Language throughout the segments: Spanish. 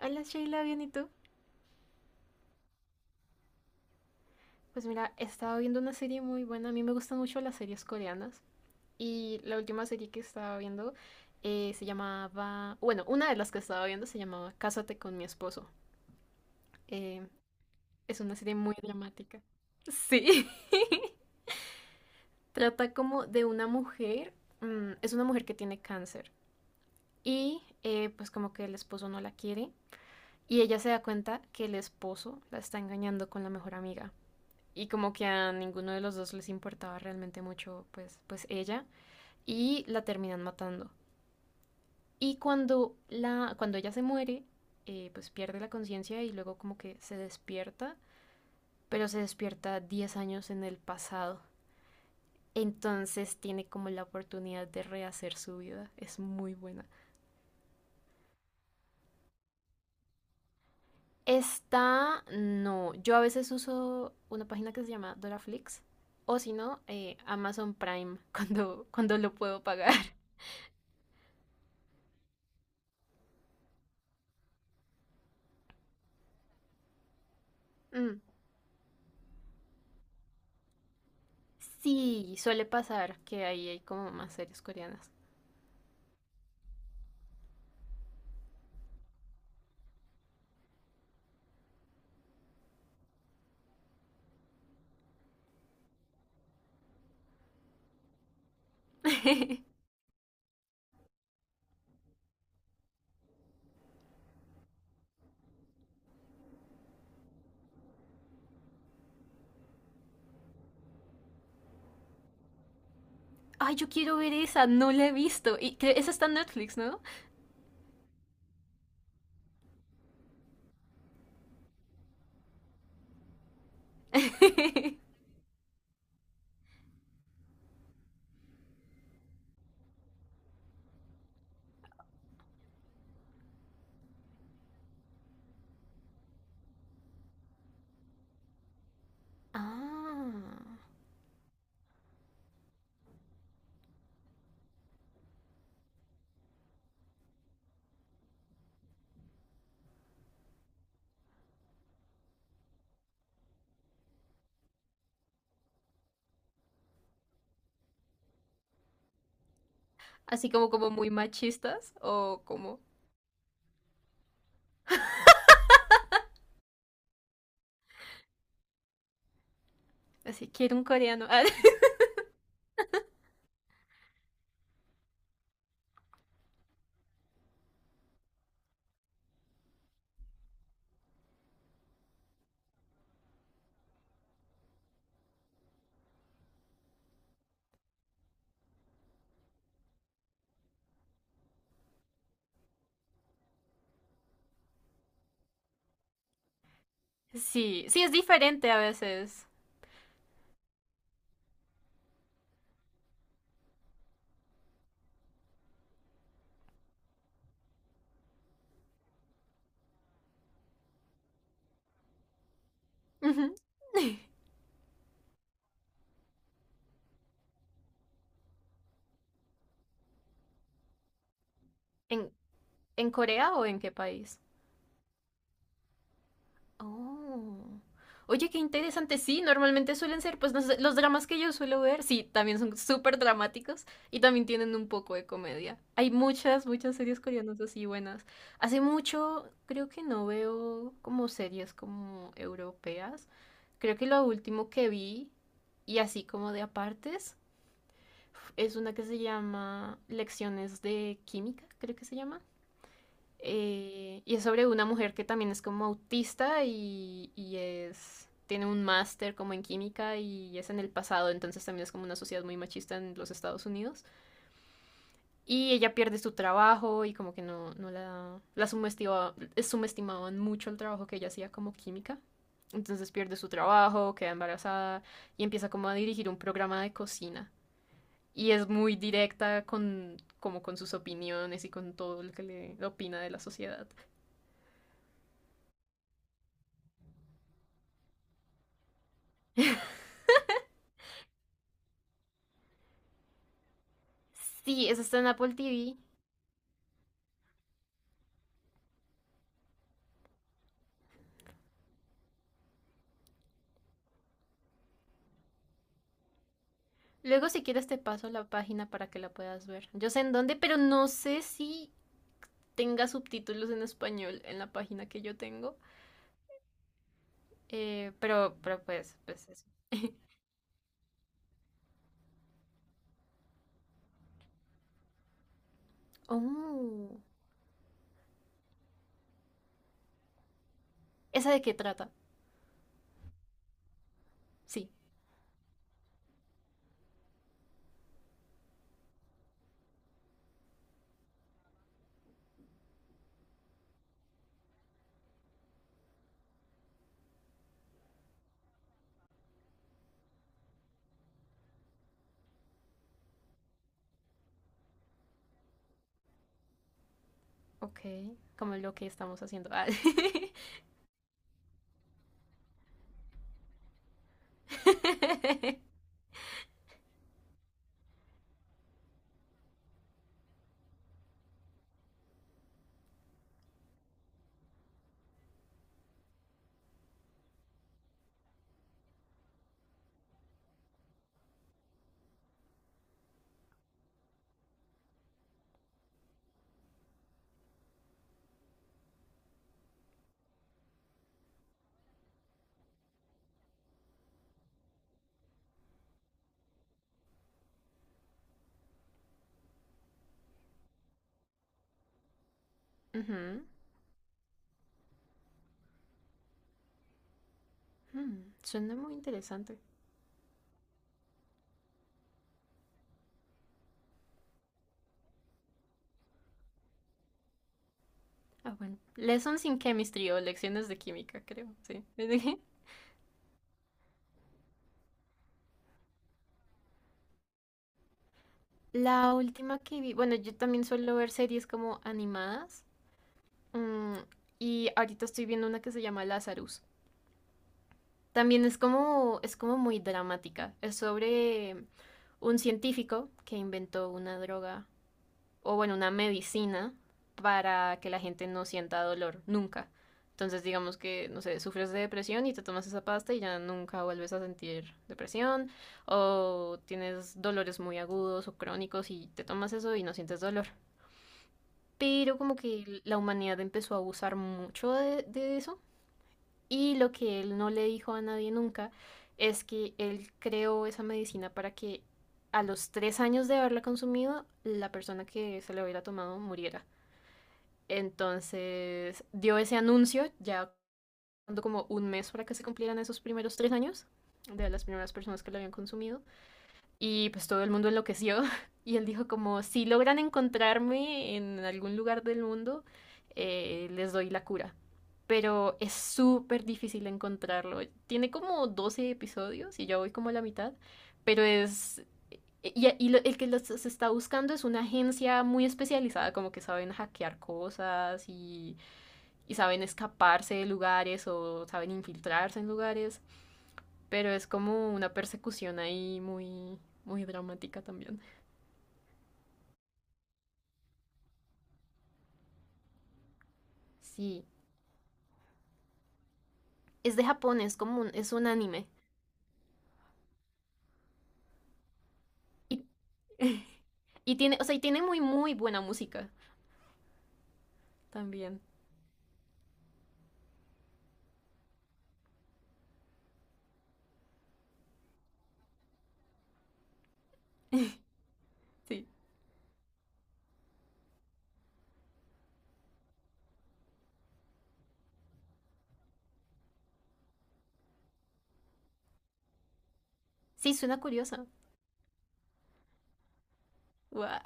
Hola Sheila, bien, ¿y tú? Pues mira, he estado viendo una serie muy buena. A mí me gustan mucho las series coreanas. Y la última serie que estaba viendo se llamaba. Bueno, una de las que estaba viendo se llamaba Cásate con mi esposo. Eh, es una serie muy dramática. Sí. Trata como de una mujer. Es una mujer que tiene cáncer. Y pues como que el esposo no la quiere. Y ella se da cuenta que el esposo la está engañando con la mejor amiga. Y como que a ninguno de los dos les importaba realmente mucho pues ella y la terminan matando. Y cuando ella se muere, pues pierde la conciencia y luego como que se despierta, pero se despierta 10 años en el pasado. Entonces tiene como la oportunidad de rehacer su vida. Es muy buena. Esta no. Yo a veces uso una página que se llama Doraflix. O si no, Amazon Prime cuando lo puedo pagar. Mm. Sí, suele pasar que ahí hay como más series coreanas. Ay, yo quiero ver esa, no la he visto. Y esa está en Netflix, ¿no? Ah, así como muy machistas o como así quiero un coreano. Ah, sí, sí es diferente a veces. Ujú. ¿En, en Corea o en qué país? Oh. Oye, qué interesante. Sí, normalmente suelen ser, pues, no sé, los dramas que yo suelo ver, sí, también son súper dramáticos y también tienen un poco de comedia. Hay muchas, muchas series coreanas así buenas. Hace mucho creo que no veo como series como europeas. Creo que lo último que vi, y así como de apartes, es una que se llama Lecciones de Química, creo que se llama. Y es sobre una mujer que también es como autista y es, tiene un máster como en química y es en el pasado, entonces también es como una sociedad muy machista en los Estados Unidos. Y ella pierde su trabajo y como que no la subestimaban mucho el trabajo que ella hacía como química. Entonces pierde su trabajo, queda embarazada y empieza como a dirigir un programa de cocina. Y es muy directa con, como con sus opiniones y con todo lo que le opina de la sociedad. Sí, eso está en Apple TV. Luego, si quieres, te paso la página para que la puedas ver. Yo sé en dónde, pero no sé si tenga subtítulos en español en la página que yo tengo. Pero pues eso. Oh, ¿esa de qué trata? Sí, ok. Como lo que estamos haciendo. Ah. Ujú. Suena muy interesante. Ah, bueno. Lessons in Chemistry o lecciones de química, creo. Sí. La última que vi, bueno, yo también suelo ver series como animadas, mm, y ahorita estoy viendo una que se llama Lazarus. También es como muy dramática. Es sobre un científico que inventó una droga, o bueno, una medicina para que la gente no sienta dolor, nunca. Entonces, digamos que, no sé, sufres de depresión y te tomas esa pasta y ya nunca vuelves a sentir depresión, o tienes dolores muy agudos o crónicos y te tomas eso y no sientes dolor. Pero como que la humanidad empezó a abusar mucho de eso, y lo que él no le dijo a nadie nunca es que él creó esa medicina para que a los 3 años de haberla consumido, la persona que se la hubiera tomado muriera. Entonces dio ese anuncio ya como un mes para que se cumplieran esos primeros 3 años de las primeras personas que lo habían consumido. Y pues todo el mundo enloqueció. Y él dijo como, si logran encontrarme en algún lugar del mundo, les doy la cura. Pero es súper difícil encontrarlo. Tiene como 12 episodios y ya voy como a la mitad. Pero es. Y el que los está buscando es una agencia muy especializada, como que saben hackear cosas y saben escaparse de lugares o saben infiltrarse en lugares. Pero es como una persecución ahí muy, muy dramática también. Sí, es de Japón, es un anime. Y, y tiene muy, muy buena música también. Sí. Sí, suena curiosa. Guau.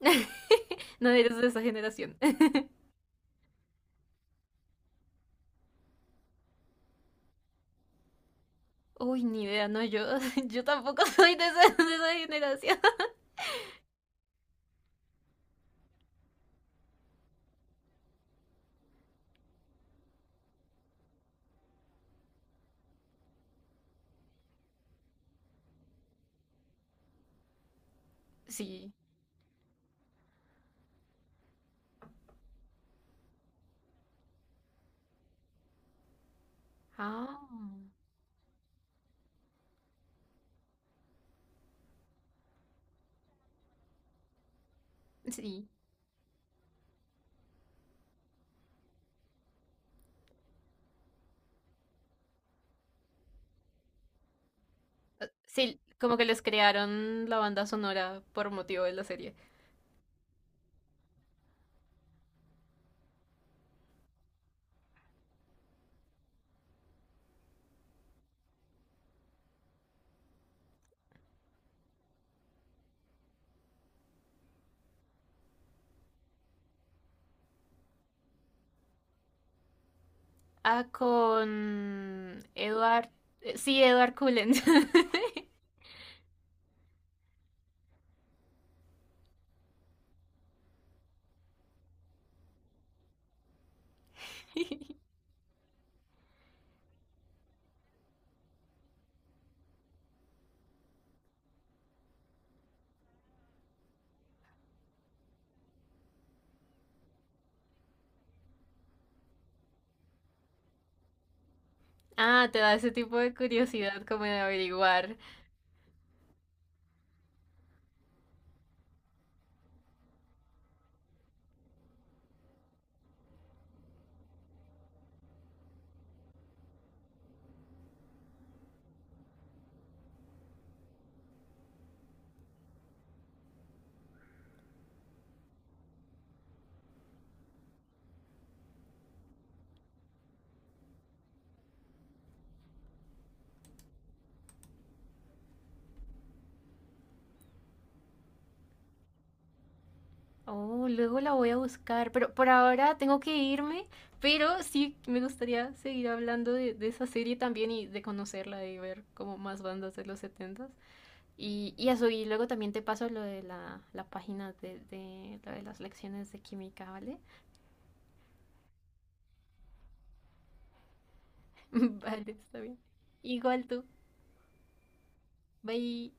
No eres de esa generación. Uy, ni idea, no, yo, yo tampoco soy de esa generación. Sí. Ah, sí. Sí, como que les crearon la banda sonora por motivo de la serie. Ah, con Edward. Sí, Edward Cullen. Ah, te da ese tipo de curiosidad como de averiguar. Oh, luego la voy a buscar, pero por ahora tengo que irme, pero sí me gustaría seguir hablando de esa serie también y de conocerla y ver como más bandas de los setentas. Y eso, y luego también te paso lo de la página de, lo de las lecciones de química, ¿vale? Vale, está bien. Igual tú. Bye.